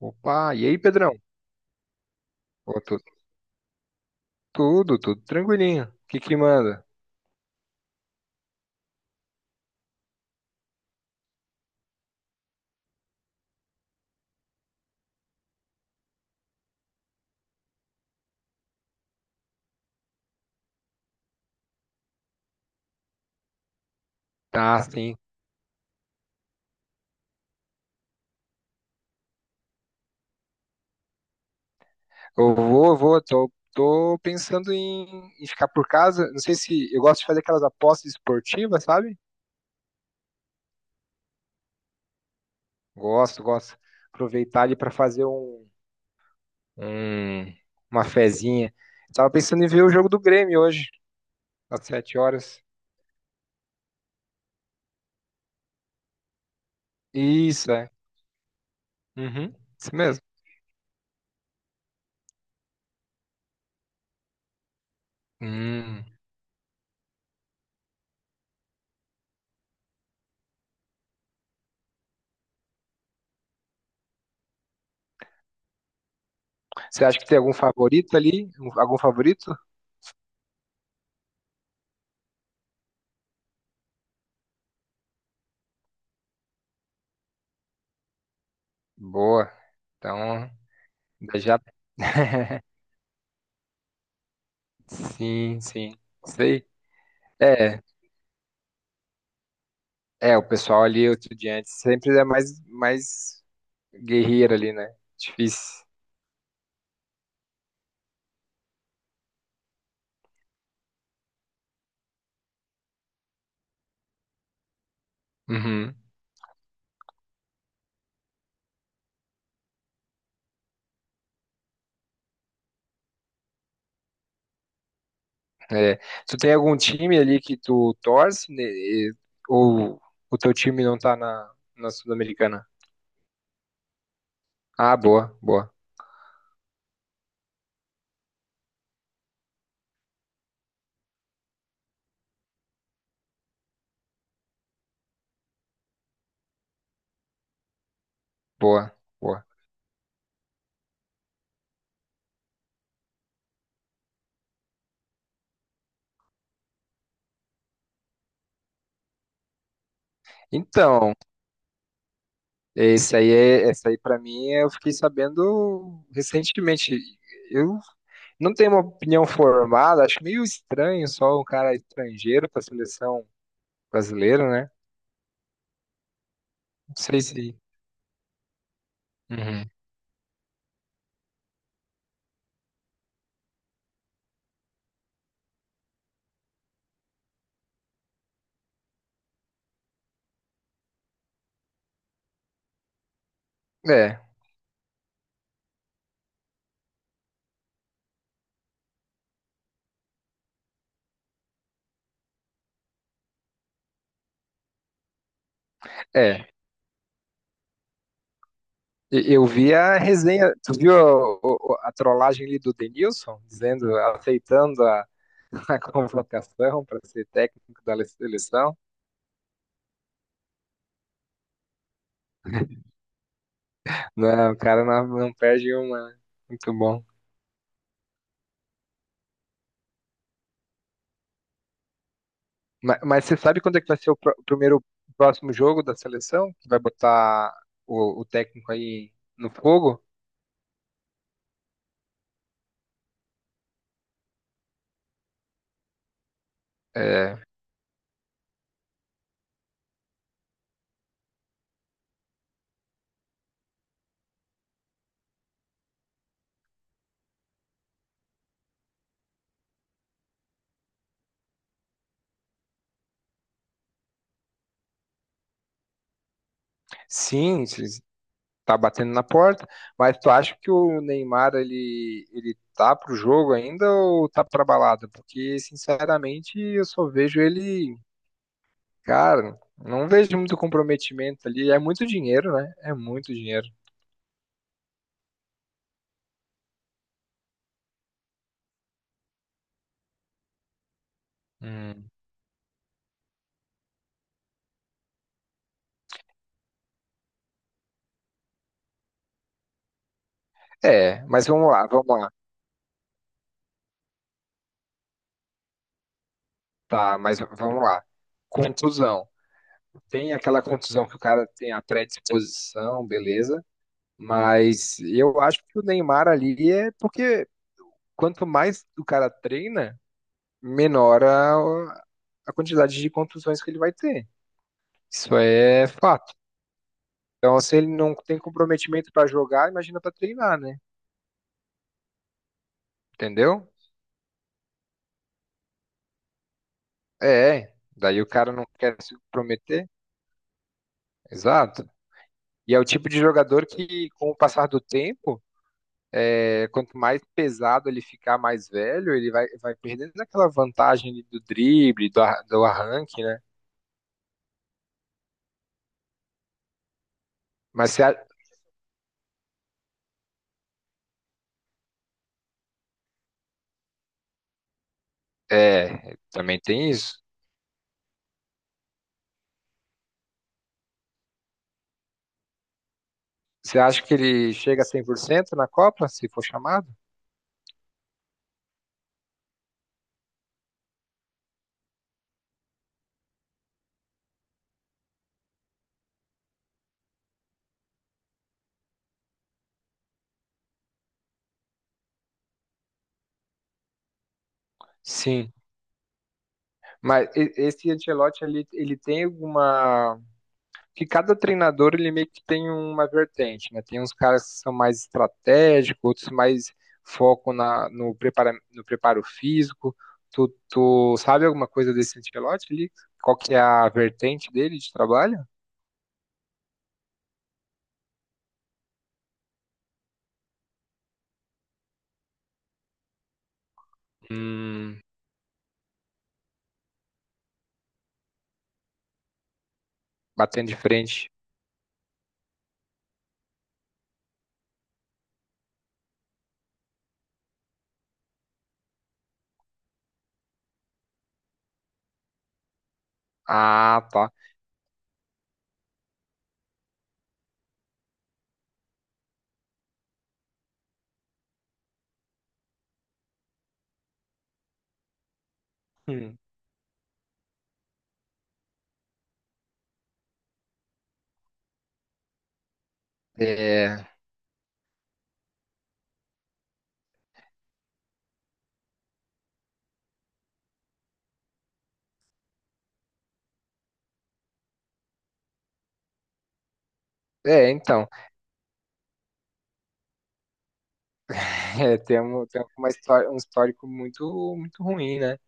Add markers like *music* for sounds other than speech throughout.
Opa, e aí, Pedrão? Pô, tudo tranquilinho. O que que manda? Tá, sim. Eu vou, tô pensando em ficar por casa. Não sei se eu gosto de fazer aquelas apostas esportivas, sabe? Gosto, gosto. Aproveitar ali pra fazer um- uma fezinha. Tava pensando em ver o jogo do Grêmio hoje, às 7 horas. Isso, é. Uhum, isso mesmo. Hum. Você acha que tem algum favorito ali? Algum favorito? Boa. Então, já. *laughs* Sim, sim. Sei. É, é, o pessoal ali, estudiante, sempre é mais guerreiro ali, né? Difícil. Uhum. É. Tu tem algum time ali que tu torce, né? Ou o teu time não tá na Sul-Americana? Ah, boa, boa, boa, boa. Então, essa aí pra mim é, eu fiquei sabendo recentemente. Eu não tenho uma opinião formada, acho meio estranho só um cara estrangeiro pra seleção brasileiro, né? Não sei se. Uhum. É, é. Eu vi a resenha, tu viu a, trollagem ali do Denilson, dizendo, aceitando a, *laughs* a convocação para ser técnico da seleção? Não, o cara não perde uma. Muito bom. Mas, você sabe quando é que vai ser o próximo jogo da seleção? Que vai botar o técnico aí no fogo? É, sim, tá batendo na porta, mas tu acha que o Neymar ele tá pro jogo ainda ou tá pra balada? Porque sinceramente eu só vejo ele, cara, não vejo muito comprometimento ali, é muito dinheiro, né? É muito dinheiro. Hum. É, mas vamos lá, vamos lá. Tá, mas vamos lá. Contusão. Tem aquela contusão que o cara tem a predisposição, beleza? Mas eu acho que o Neymar ali é porque quanto mais o cara treina, menor a quantidade de contusões que ele vai ter. Isso é fato. Então, se ele não tem comprometimento para jogar, imagina para treinar, né? Entendeu? É, daí o cara não quer se comprometer. Exato. E é o tipo de jogador que, com o passar do tempo, é, quanto mais pesado ele ficar, mais velho, ele vai perdendo aquela vantagem ali do drible, do arranque, né? Mas você, é, também tem isso. Você acha que ele chega a 100% na Copa, se for chamado? Sim. Mas esse Ancelotti, ele tem alguma... Que cada treinador, ele meio que tem uma vertente, né? Tem uns caras que são mais estratégicos, outros mais foco na, no, prepara, no preparo físico. Tu sabe alguma coisa desse Ancelotti ali? Qual que é a vertente dele de trabalho? Hum, Batendo de frente. Ah, tá. Hum. É, é, então, *laughs* é, tem uma história, um histórico muito, muito ruim, né?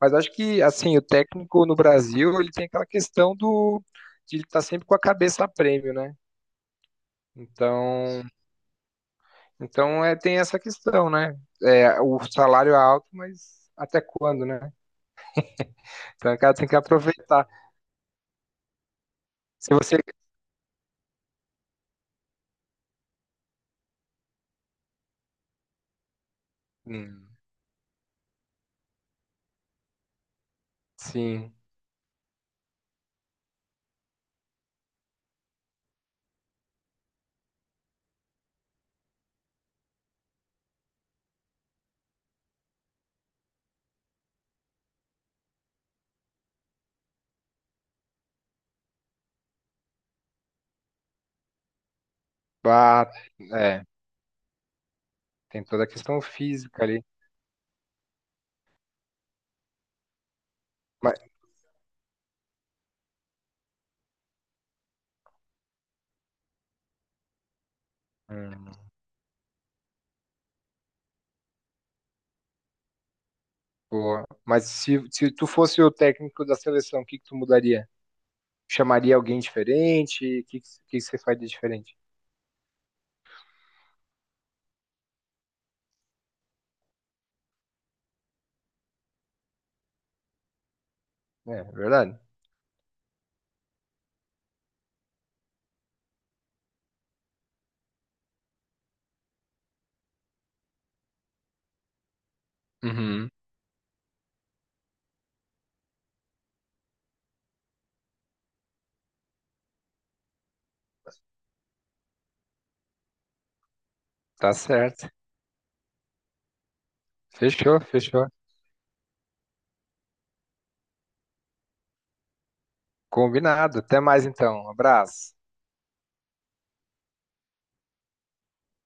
Mas acho que assim, o técnico no Brasil, ele tem aquela questão do de ele estar sempre com a cabeça a prêmio, né? Então, então é, tem essa questão, né? É, o salário é alto, mas até quando, né? Então, o cara tem que aproveitar. Se você Hum, sim, bate é, tem toda a questão física ali. Mas, hum, boa. Mas se tu fosse o técnico da seleção, o que que tu mudaria? Chamaria alguém diferente? O que você faria diferente? É, é verdade. Uhum. Tá certo. Fechou, fechou. Combinado. Até mais então. Um abraço.